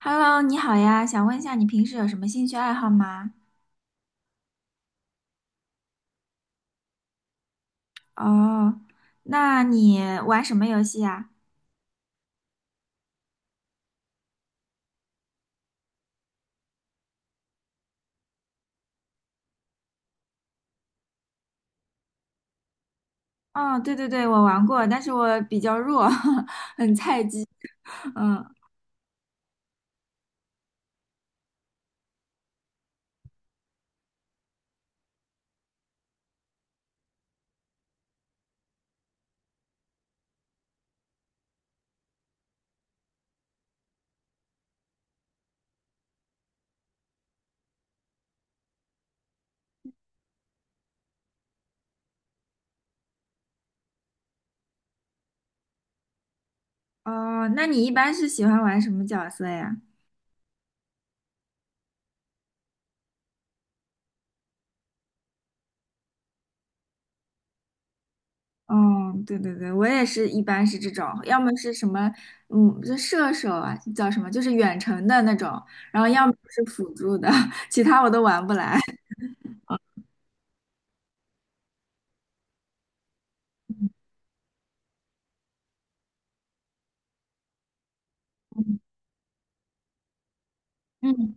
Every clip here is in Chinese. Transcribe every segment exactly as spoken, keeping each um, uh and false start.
Hello，你好呀，想问一下你平时有什么兴趣爱好吗？哦，那你玩什么游戏呀？哦，对对对，我玩过，但是我比较弱，很菜鸡。嗯，哦，那你一般是喜欢玩什么角色呀？哦，对对对，我也是一般是这种，要么是什么，嗯，这射手啊，叫什么，就是远程的那种，然后要么是辅助的，其他我都玩不来。嗯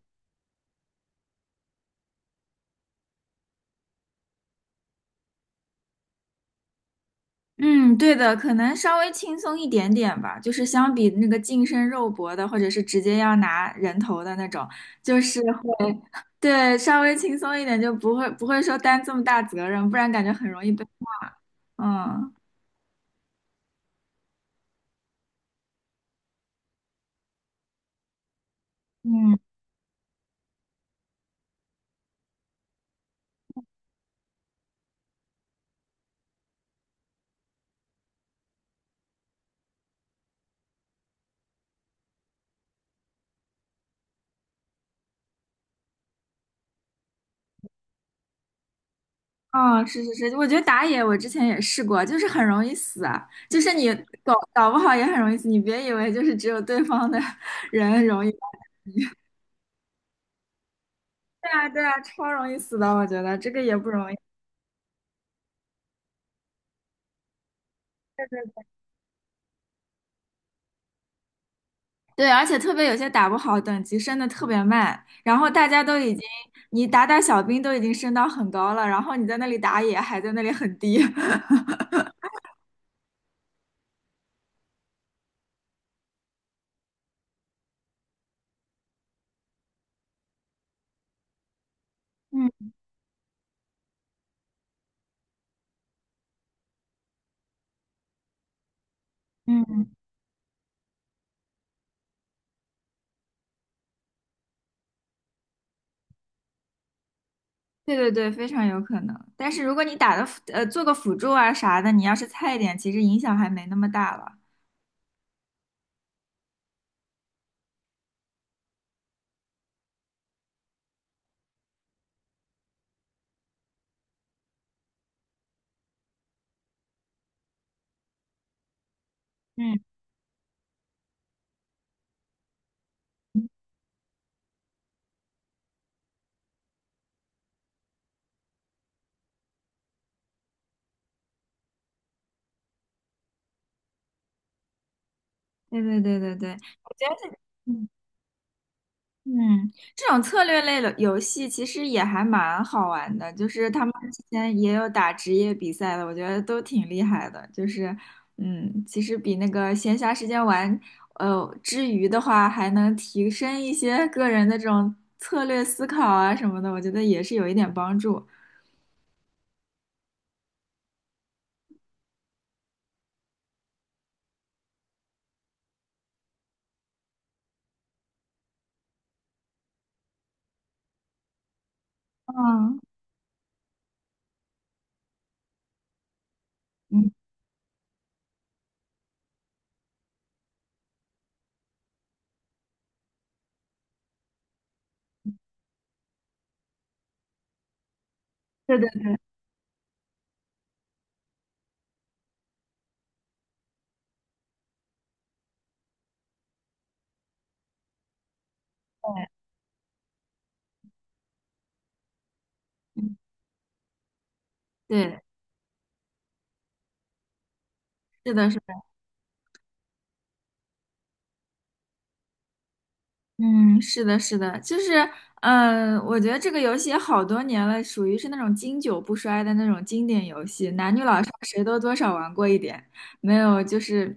嗯，对的，可能稍微轻松一点点吧，就是相比那个近身肉搏的，或者是直接要拿人头的那种，就是会，对，稍微轻松一点，就不会不会说担这么大责任，不然感觉很容易被骂。嗯嗯，哦，是是是，我觉得打野我之前也试过，就是很容易死啊，就是你搞搞不好也很容易死，你别以为就是只有对方的 人容易，对啊对啊，超容易死的，我觉得这个也不容易。对，而且特别有些打不好，等级升的特别慢，然后大家都已经，你打打小兵都已经升到很高了，然后你在那里打野还在那里很低。嗯嗯，对对对，非常有可能。但是如果你打的辅呃做个辅助啊啥的，你要是菜一点，其实影响还没那么大了。嗯，对对对对对，我觉得是。嗯，这种策略类的游戏其实也还蛮好玩的，就是他们之前也有打职业比赛的，我觉得都挺厉害的。就是，嗯，其实比那个闲暇时间玩，呃，之余的话，还能提升一些个人的这种策略思考啊什么的，我觉得也是有一点帮助。嗯嗯，对对对，嗯对，是的，是的。嗯，是的，是的，就是，嗯、我觉得这个游戏也好多年了，属于是那种经久不衰的那种经典游戏，男女老少谁都多少玩过一点，没有，就是，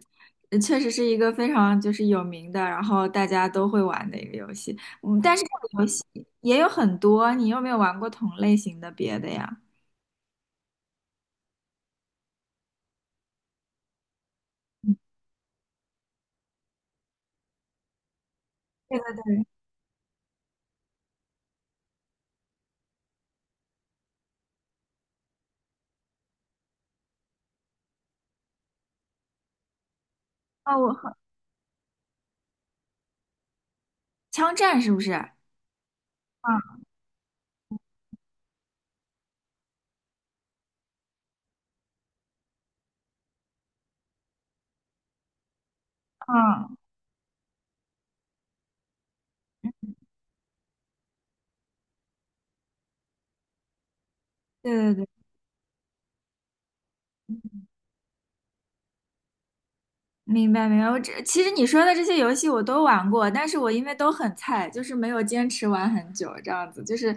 呃确实是一个非常就是有名的，然后大家都会玩的一个游戏。嗯，但是这个游戏也有很多，你有没有玩过同类型的别的呀？嗯对对对，哦，我好，枪战是不是？嗯嗯，对对对。明白明白，我这其实你说的这些游戏我都玩过，但是我因为都很菜，就是没有坚持玩很久这样子，就是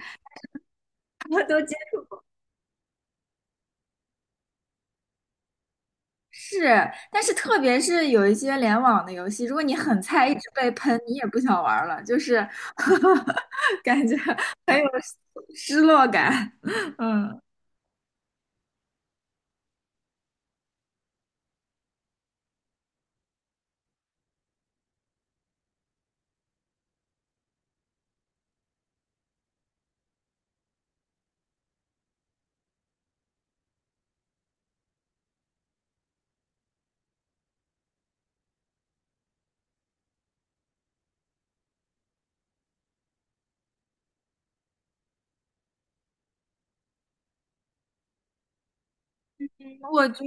我都坚是，但是特别是有一些联网的游戏，如果你很菜，一直被喷，你也不想玩了，就是 感觉很有失落感。嗯，我觉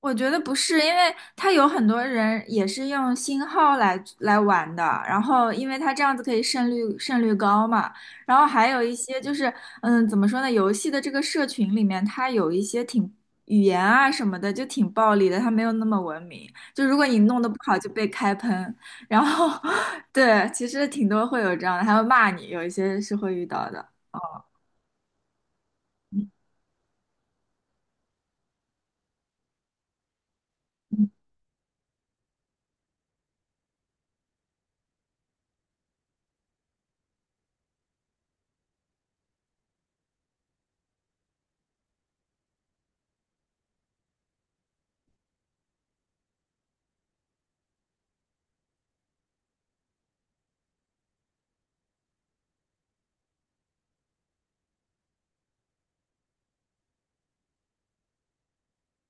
我觉得不是，因为他有很多人也是用新号来来玩的，然后因为他这样子可以胜率胜率高嘛，然后还有一些就是，嗯，怎么说呢，游戏的这个社群里面，它有一些挺语言啊什么的就挺暴力的，它没有那么文明，就如果你弄得不好就被开喷，然后 对，其实挺多会有这样的，还会骂你，有一些是会遇到的。哦，嗯，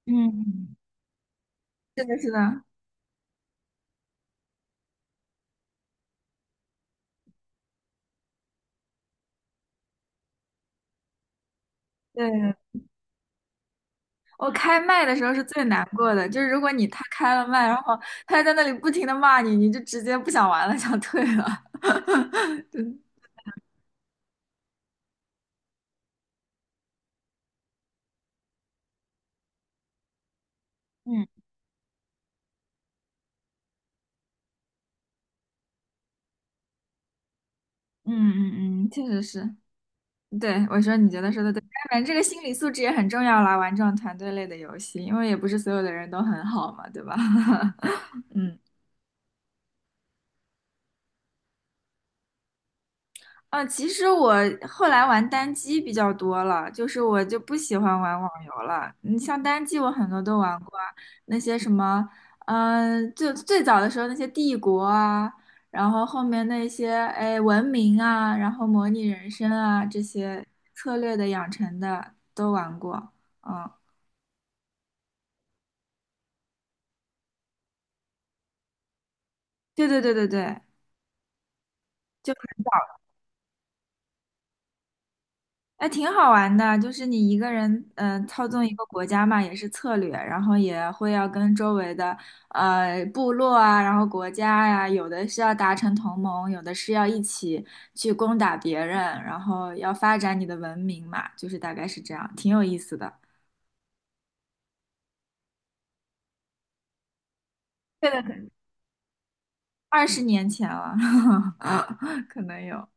嗯，是的，是的，对。我开麦的时候是最难过的，就是如果你他开了麦，然后他在那里不停的骂你，你就直接不想玩了，想退了。就嗯，嗯嗯嗯，确实是。对，我说你觉得说的对，当然这个心理素质也很重要啦，玩这种团队类的游戏，因为也不是所有的人都很好嘛，对吧？嗯。嗯，其实我后来玩单机比较多了，就是我就不喜欢玩网游了。你像单机，我很多都玩过啊，那些什么，嗯、就最早的时候那些帝国啊，然后后面那些哎文明啊，然后模拟人生啊这些策略的养成的都玩过。嗯，对对对对对，就很早哎，挺好玩的，就是你一个人，嗯、操纵一个国家嘛，也是策略，然后也会要跟周围的呃部落啊，然后国家呀、有的是要达成同盟，有的是要一起去攻打别人，然后要发展你的文明嘛，就是大概是这样，挺有意思的。对的，很二十年前了，可能有。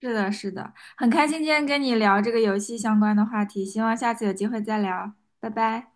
是的，是的，很开心今天跟你聊这个游戏相关的话题，希望下次有机会再聊，拜拜。